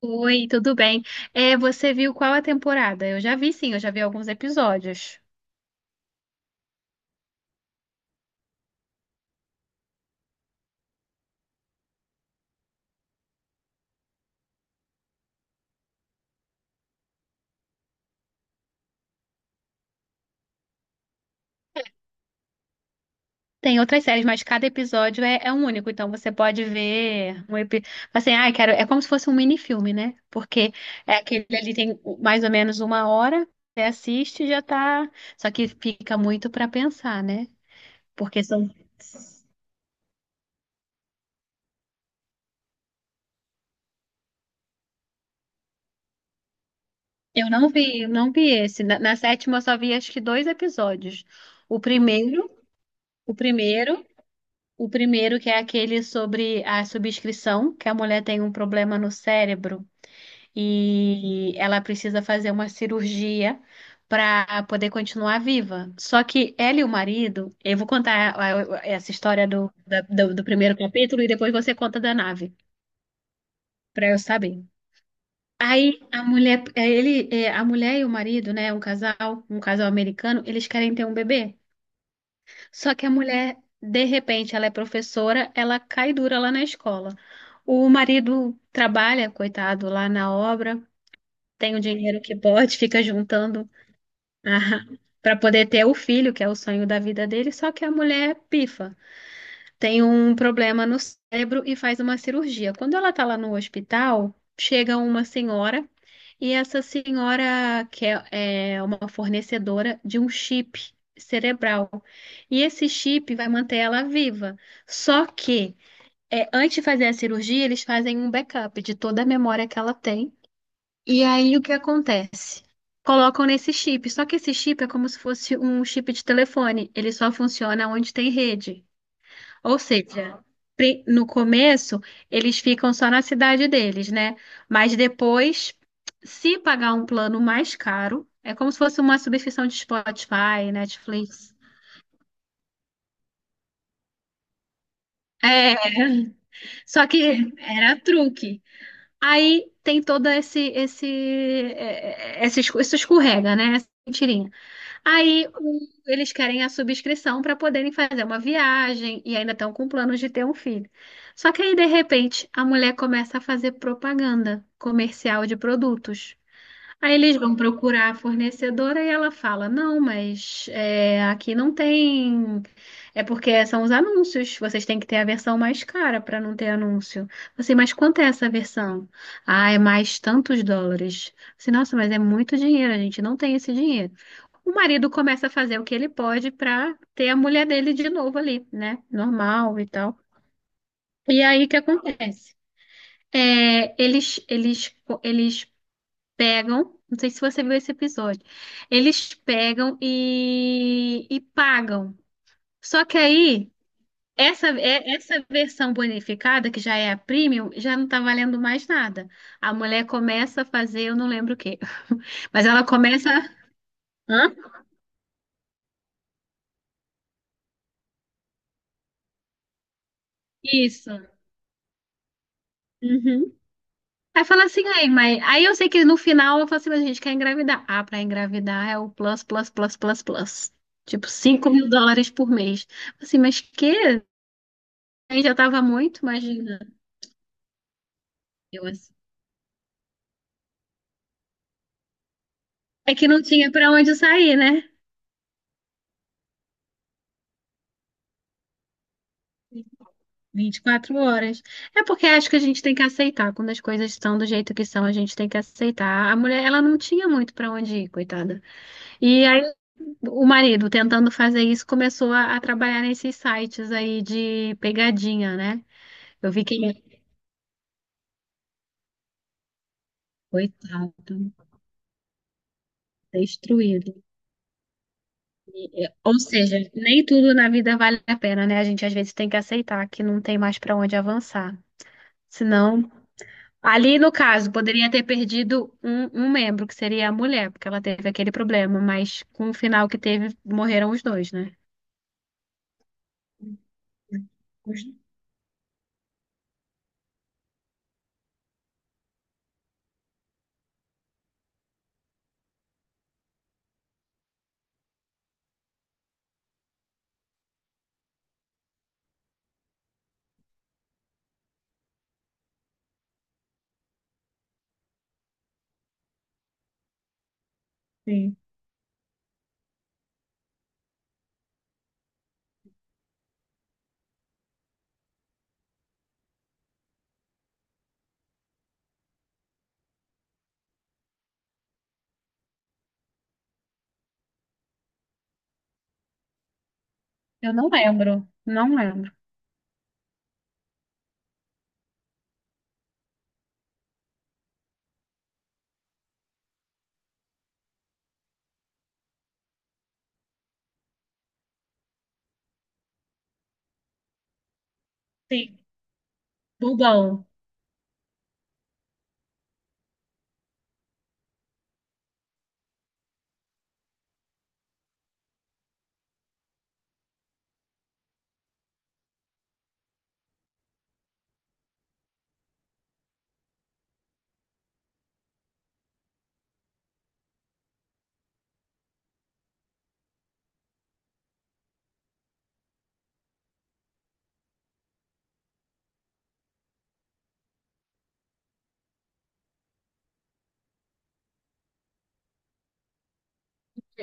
Oi, tudo bem? É, você viu qual a temporada? Eu já vi, sim, eu já vi alguns episódios. Tem outras séries, mas cada episódio é um único, então você pode ver um episódio. Assim, ah, quero. É como se fosse um minifilme, né? Porque é aquele ali tem mais ou menos uma hora, você assiste e já tá. Só que fica muito pra pensar, né? Porque são. Eu não vi esse. Na sétima eu só vi acho que dois episódios. O primeiro, o primeiro. O primeiro, que é aquele sobre a subscrição, que a mulher tem um problema no cérebro e ela precisa fazer uma cirurgia para poder continuar viva. Só que ela e o marido, eu vou contar essa história do primeiro capítulo e depois você conta da nave, para eu saber. Aí a mulher, a mulher e o marido, né, um casal americano, eles querem ter um bebê. Só que a mulher, de repente, ela é professora, ela cai dura lá na escola. O marido trabalha, coitado, lá na obra, tem o dinheiro que pode, fica juntando para poder ter o filho, que é o sonho da vida dele, só que a mulher pifa tem um problema no cérebro e faz uma cirurgia. Quando ela está lá no hospital, chega uma senhora e essa senhora quer, é uma fornecedora de um chip cerebral. E esse chip vai manter ela viva. Só que antes de fazer a cirurgia, eles fazem um backup de toda a memória que ela tem. E aí o que acontece? Colocam nesse chip, só que esse chip é como se fosse um chip de telefone, ele só funciona onde tem rede. Ou seja, no começo eles ficam só na cidade deles, né? Mas depois, se pagar um plano mais caro, é como se fosse uma subscrição de Spotify, Netflix. É, só que era truque. Aí tem todo esse esse isso escorrega, né? Essa mentirinha. Aí eles querem a subscrição para poderem fazer uma viagem e ainda estão com planos de ter um filho. Só que aí, de repente, a mulher começa a fazer propaganda comercial de produtos. Aí eles vão procurar a fornecedora e ela fala: Não, mas é, aqui não tem. É porque são os anúncios, vocês têm que ter a versão mais cara para não ter anúncio. Você, mas quanto é essa versão? Ah, é mais tantos dólares. Você, nossa, mas é muito dinheiro, a gente não tem esse dinheiro. O marido começa a fazer o que ele pode para ter a mulher dele de novo ali, né? Normal e tal. E aí o que acontece? É, eles pegam, não sei se você viu esse episódio, eles pegam e pagam. Só que aí, essa versão bonificada, que já é a premium, já não tá valendo mais nada. A mulher começa a fazer, eu não lembro o quê, mas ela começa. Hã? Isso. Uhum. Aí fala assim, aí, mas aí eu sei que no final eu falo assim, mas a gente quer engravidar. Ah, pra engravidar é o plus, plus, plus, plus, plus. Tipo, US$ 5.000 por mês. Assim, mas que? Aí já tava muito, imagina. Eu assim. É que não tinha pra onde sair, né? 24 horas. É porque acho que a gente tem que aceitar. Quando as coisas estão do jeito que são, a gente tem que aceitar. A mulher, ela não tinha muito pra onde ir, coitada. E aí, o marido, tentando fazer isso, começou a trabalhar nesses sites aí de pegadinha, né? Eu vi que ele, é coitado, destruído. Ou seja, nem tudo na vida vale a pena, né? A gente às vezes tem que aceitar que não tem mais pra onde avançar. Senão, ali no caso, poderia ter perdido um membro, que seria a mulher, porque ela teve aquele problema, mas com o final que teve, morreram os dois, né? Os- Sim, eu não lembro, não lembro. Sim. Bobão.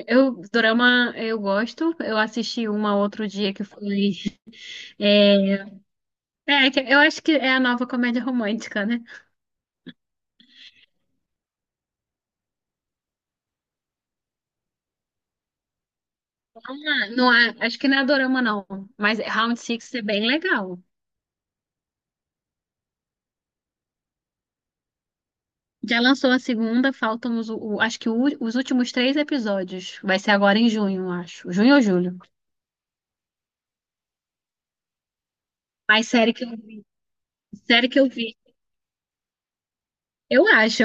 Eu, dorama, eu gosto. Eu assisti uma outro dia que foi. É, que eu acho que é a nova comédia romântica, né? Ah, não, é- acho que não é dorama, não. Mas Round Six é bem legal. Já lançou a segunda, faltam acho que os últimos três episódios. Vai ser agora em junho, acho. Junho ou julho. Mas série que eu vi. Série que eu vi. Eu acho.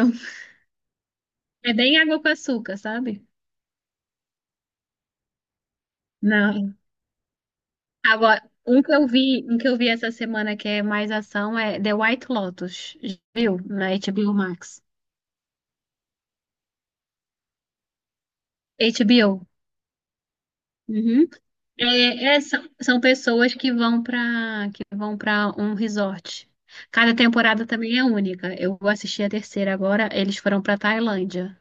É bem água com açúcar, sabe? Não. Agora, um que eu vi, um que eu vi essa semana que é mais ação é The White Lotus. Já viu? Na HBO Max. HBO. Uhum. São pessoas que vão para um resort. Cada temporada também é única. Eu vou assistir a terceira agora. Eles foram para Tailândia.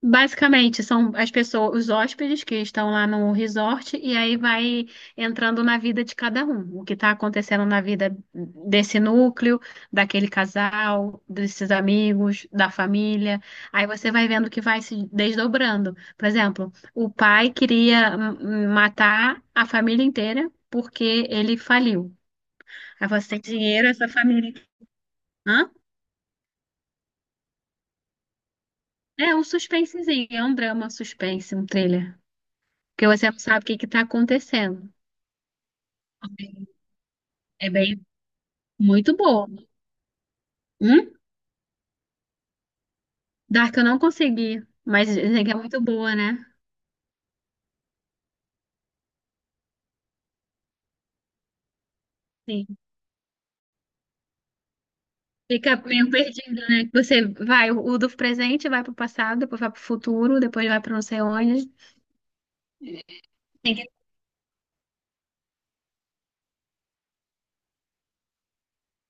Basicamente, são as pessoas, os hóspedes que estão lá no resort, e aí vai entrando na vida de cada um, o que está acontecendo na vida desse núcleo, daquele casal, desses amigos, da família. Aí você vai vendo que vai se desdobrando. Por exemplo, o pai queria matar a família inteira porque ele faliu. Aí você tem dinheiro, essa família. Hã? É um suspensezinho, é um drama suspense, um thriller. Porque você não sabe o que está acontecendo. É bem muito boa. Hum? Dark eu não consegui, mas dizem que é muito boa, né? Sim. Fica meio perdido, né? Que você vai, o do presente vai pro passado, depois vai pro futuro, depois vai pra não sei onde. Tem que-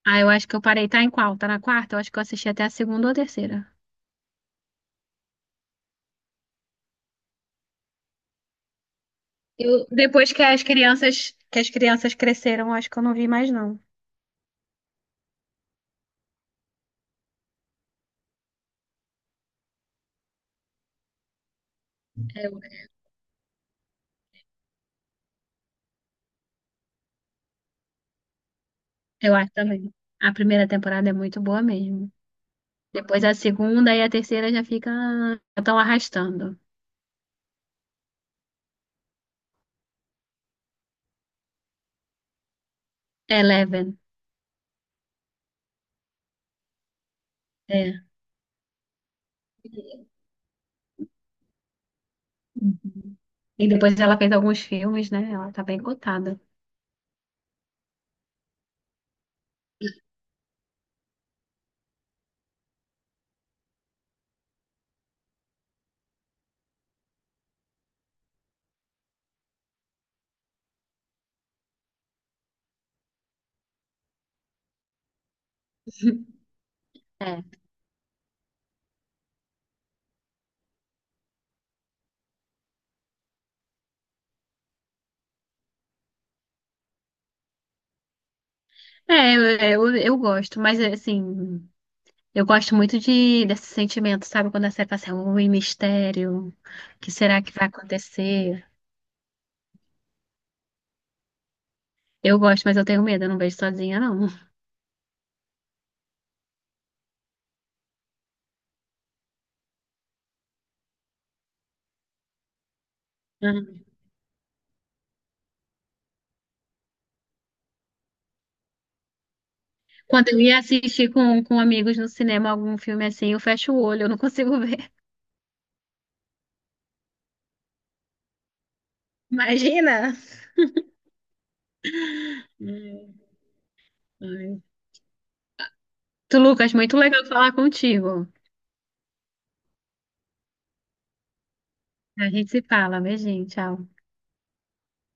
Ah, eu acho que eu parei, tá em qual? Tá na quarta? Eu acho que eu assisti até a segunda ou a terceira. Eu, depois que as crianças cresceram, eu acho que eu não vi mais, não. Eu, eu acho também. A primeira temporada é muito boa mesmo. Depois a segunda e a terceira já fica, já estão arrastando. Eleven. É. E depois ela fez alguns filmes, né? Ela tá bem cotada. É, é eu, eu gosto, mas assim, eu gosto muito desse sentimento, sabe? Quando a série passa, assim, ui, mistério, o que será que vai acontecer? Eu gosto, mas eu tenho medo, eu não vejo sozinha, não. Uhum. Quando eu ia assistir com amigos no cinema algum filme assim, eu fecho o olho, eu não consigo ver. Imagina! Hum, ai. Tu, Lucas, muito legal falar contigo. A gente se fala, beijinho, tchau.